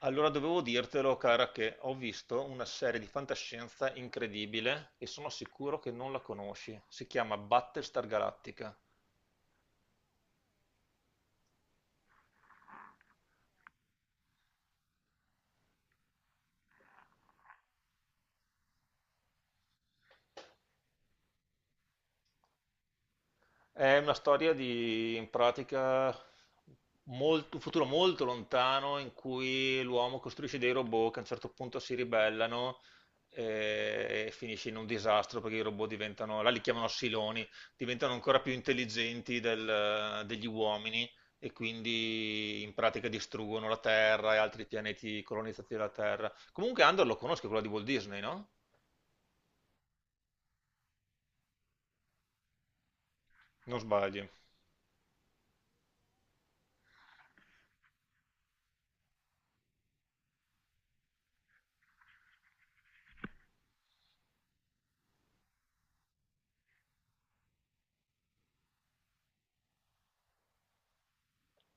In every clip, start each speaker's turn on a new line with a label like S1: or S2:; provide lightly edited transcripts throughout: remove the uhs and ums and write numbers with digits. S1: Allora dovevo dirtelo, cara, che ho visto una serie di fantascienza incredibile e sono sicuro che non la conosci. Si chiama Battlestar Galactica. È una storia di, in pratica, un futuro molto lontano in cui l'uomo costruisce dei robot che a un certo punto si ribellano e finisce in un disastro perché i robot diventano, là li chiamano siloni, diventano ancora più intelligenti degli uomini e quindi in pratica distruggono la Terra e altri pianeti colonizzati dalla Terra. Comunque Andor lo conosco, quello di Walt Disney, no? Non sbagli.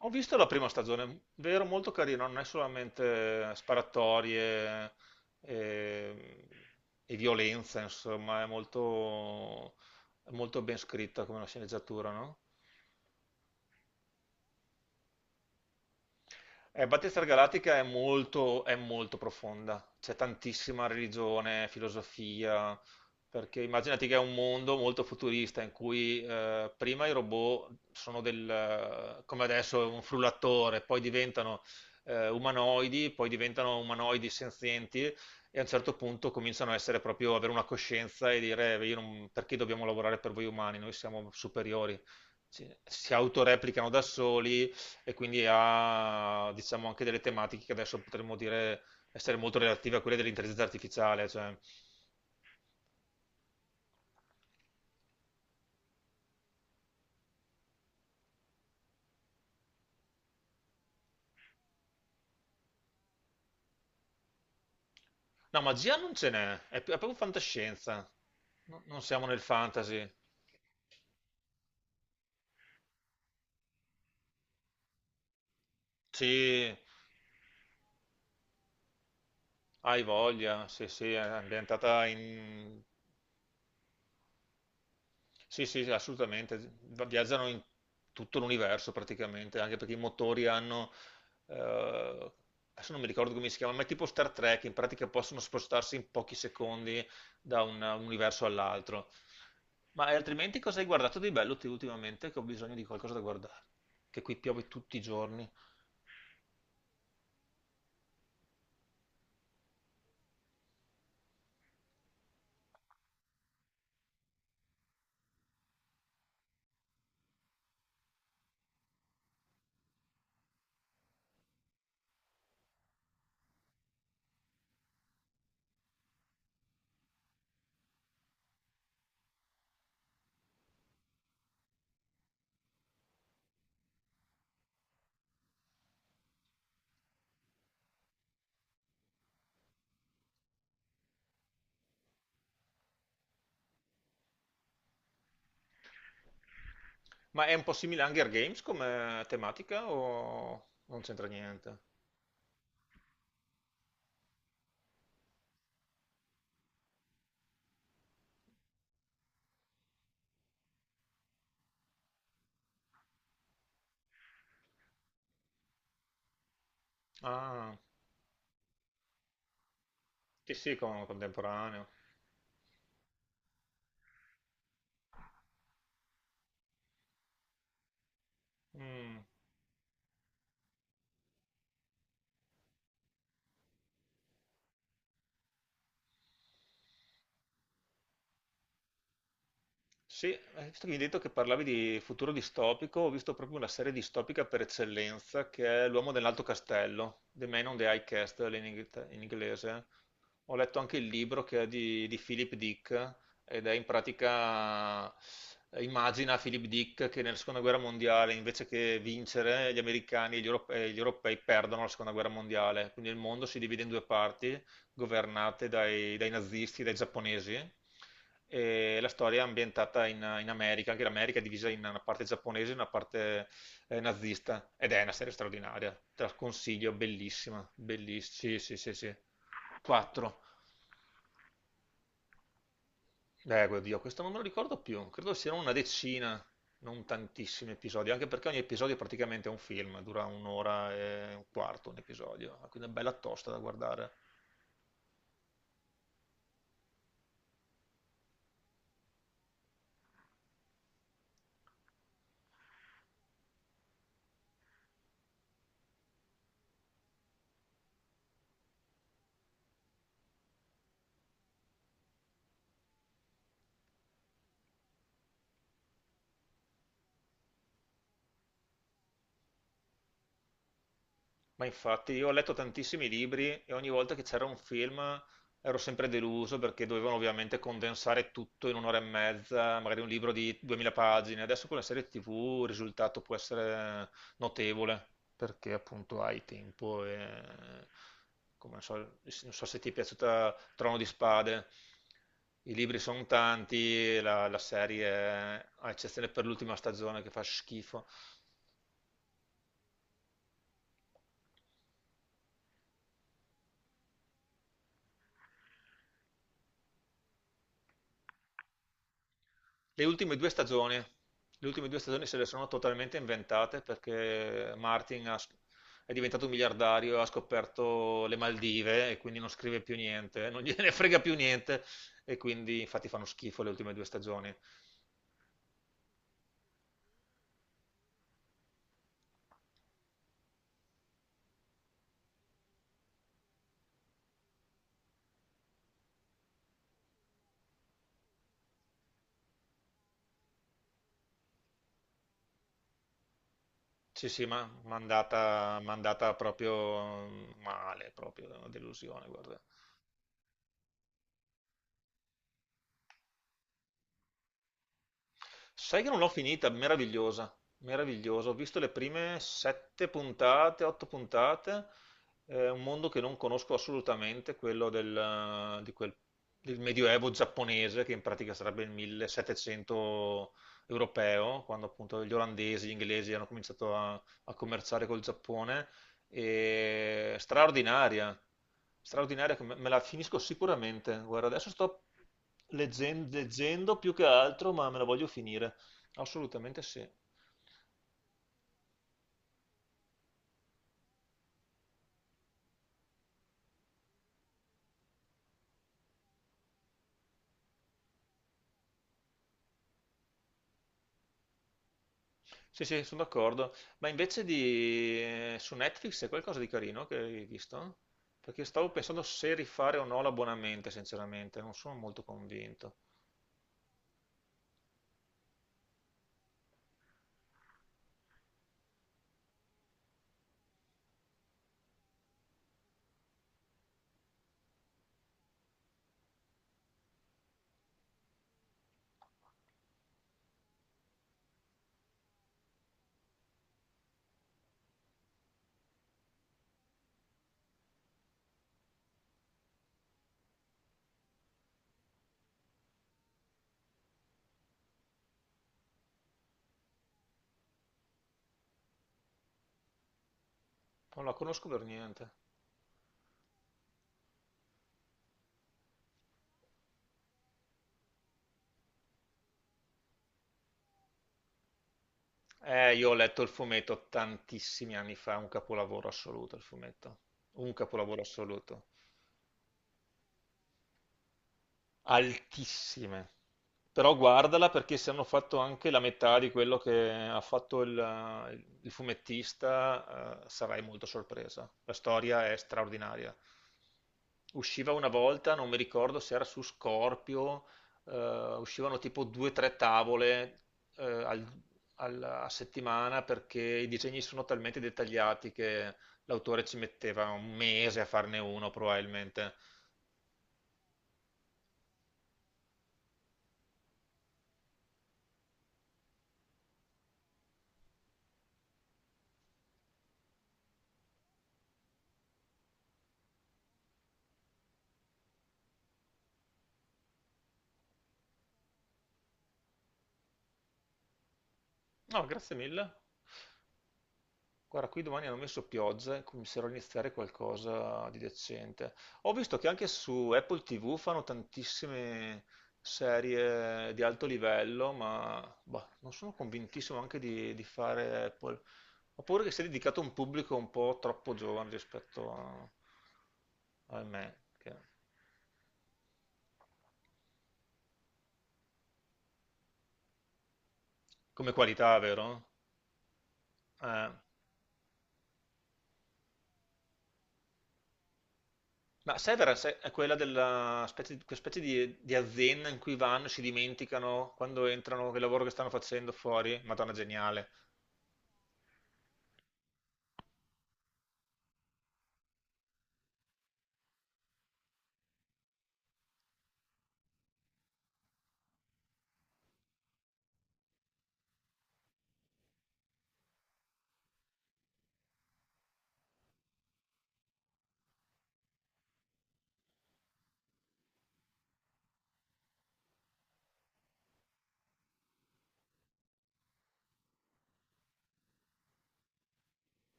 S1: Ho visto la prima stagione, vero, molto carino, non è solamente sparatorie e, e violenza, insomma, è molto ben scritta come una sceneggiatura, no? Battista Galattica è molto profonda, c'è tantissima religione, filosofia, perché immaginati che è un mondo molto futurista in cui prima i robot sono come adesso un frullatore, poi diventano umanoidi, poi diventano umanoidi senzienti e a un certo punto cominciano a essere proprio, avere una coscienza e dire "Io non- perché dobbiamo lavorare per voi umani, noi siamo superiori. Si autoreplicano da soli e quindi ha diciamo anche delle tematiche che adesso potremmo dire essere molto relative a quelle dell'intelligenza artificiale, cioè. No, magia non ce n'è, è proprio fantascienza. Non siamo nel fantasy. Sì, hai voglia, sì, sì, è ambientata in. Sì, sì, sì, assolutamente. Viaggiano in tutto l'universo praticamente, anche perché i motori hanno, eh, adesso non mi ricordo come si chiama, ma è tipo Star Trek, in pratica possono spostarsi in pochi secondi da un universo all'altro. Ma altrimenti cosa hai guardato di bello te ultimamente? Che ho bisogno di qualcosa da guardare, che qui piove tutti i giorni. Ma è un po' simile a Hunger Games come tematica o non c'entra niente? Ah, sì, sì, contemporaneo. Mm. Sì, visto che mi hai detto che parlavi di futuro distopico, ho visto proprio una serie distopica per eccellenza che è L'uomo nell'alto castello, The Man on the High Castle in inglese. Ho letto anche il libro che è di Philip Dick ed è in pratica, immagina Philip Dick che nella seconda guerra mondiale invece che vincere gli americani e gli europei perdono la seconda guerra mondiale, quindi il mondo si divide in due parti governate dai nazisti, dai giapponesi. E la storia è ambientata in America, anche l'America è divisa in una parte giapponese e una parte nazista. Ed è una serie straordinaria, te la consiglio, bellissima, bellissima. Sì, sì, sì, sì. Quattro. Oddio, questo non me lo ricordo più. Credo siano una decina, non tantissimi episodi, anche perché ogni episodio è praticamente un film, dura un'ora e un quarto un episodio, quindi è bella tosta da guardare. Ma infatti io ho letto tantissimi libri e ogni volta che c'era un film ero sempre deluso perché dovevano ovviamente condensare tutto in un'ora e mezza, magari un libro di 2000 pagine. Adesso con la serie TV il risultato può essere notevole perché appunto hai tempo e come non so, non so se ti è piaciuta Trono di Spade. I libri sono tanti, la serie, a eccezione per l'ultima stagione che fa schifo. Le ultime due stagioni, le ultime due stagioni se le sono totalmente inventate perché Martin è diventato un miliardario, ha scoperto le Maldive e quindi non scrive più niente, non gliene frega più niente e quindi infatti fanno schifo le ultime due stagioni. Sì, sì, ma è andata proprio male, proprio una delusione, guarda. Sai che non l'ho finita, meravigliosa, meravigliosa. Ho visto le prime sette puntate, otto puntate, è un mondo che non conosco assolutamente, quello del Medioevo giapponese, che in pratica sarebbe il 1700 europeo, quando appunto gli olandesi, gli inglesi hanno cominciato a commerciare col Giappone. E straordinaria, straordinaria, che me la finisco sicuramente. Guarda, adesso sto leggendo più che altro, ma me la voglio finire. Assolutamente sì. Sì, sì, sono d'accordo. Ma invece su Netflix c'è qualcosa di carino che hai visto? Perché stavo pensando se rifare o no l'abbonamento, sinceramente, non sono molto convinto. Non la conosco per niente. Io ho letto il fumetto tantissimi anni fa, un capolavoro assoluto il fumetto, un capolavoro assoluto. Altissime. Però guardala perché se hanno fatto anche la metà di quello che ha fatto il fumettista, sarai molto sorpresa. La storia è straordinaria. Usciva una volta, non mi ricordo se era su Scorpio, uscivano tipo due o tre tavole eh, al- a settimana perché i disegni sono talmente dettagliati che l'autore ci metteva un mese a farne uno probabilmente. No, grazie mille. Guarda, qui domani hanno messo pioggia e comincerò a iniziare qualcosa di decente. Ho visto che anche su Apple TV fanno tantissime serie di alto livello, ma boh, non sono convintissimo anche di fare Apple. Ho paura che sia dedicato a un pubblico un po' troppo giovane rispetto a me, come qualità, vero? Eh. Ma Severance è quella della specie, quella specie di azienda in cui vanno, si dimenticano quando entrano che lavoro che stanno facendo fuori. Madonna, geniale.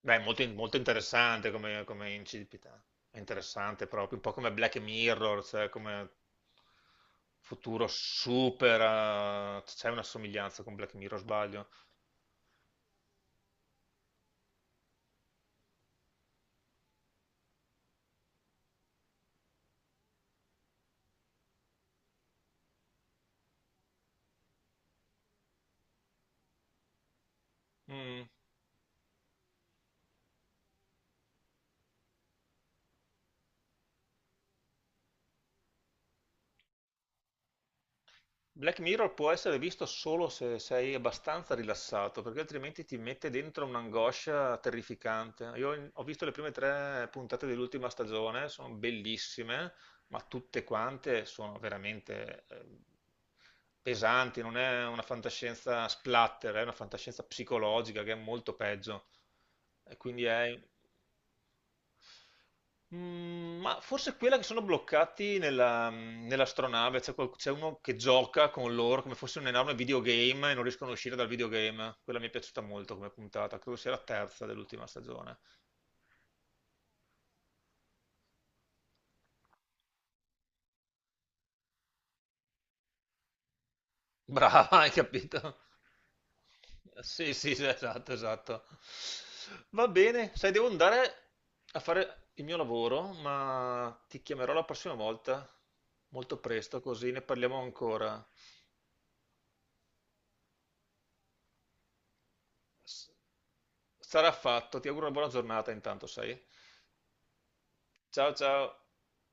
S1: Beh, è molto, molto interessante come incipita. È interessante proprio, un po' come Black Mirror, cioè come futuro super. C'è una somiglianza con Black Mirror, sbaglio. Mm. Black Mirror può essere visto solo se sei abbastanza rilassato, perché altrimenti ti mette dentro un'angoscia terrificante. Io ho visto le prime tre puntate dell'ultima stagione, sono bellissime, ma tutte quante sono veramente pesanti, non è una fantascienza splatter, è una fantascienza psicologica che è molto peggio. E quindi è. Ma forse quella che sono bloccati nell'astronave, c'è uno che gioca con loro come fosse un enorme videogame e non riescono a uscire dal videogame. Quella mi è piaciuta molto come puntata, credo sia la terza dell'ultima stagione. Brava, hai capito? Sì, sì, sì, esatto, esatto. Va bene, sai, devo andare a fare il mio lavoro, ma ti chiamerò la prossima volta, molto presto, così ne parliamo ancora. S- Sarà fatto, ti auguro una buona giornata intanto, sai? Ciao ciao.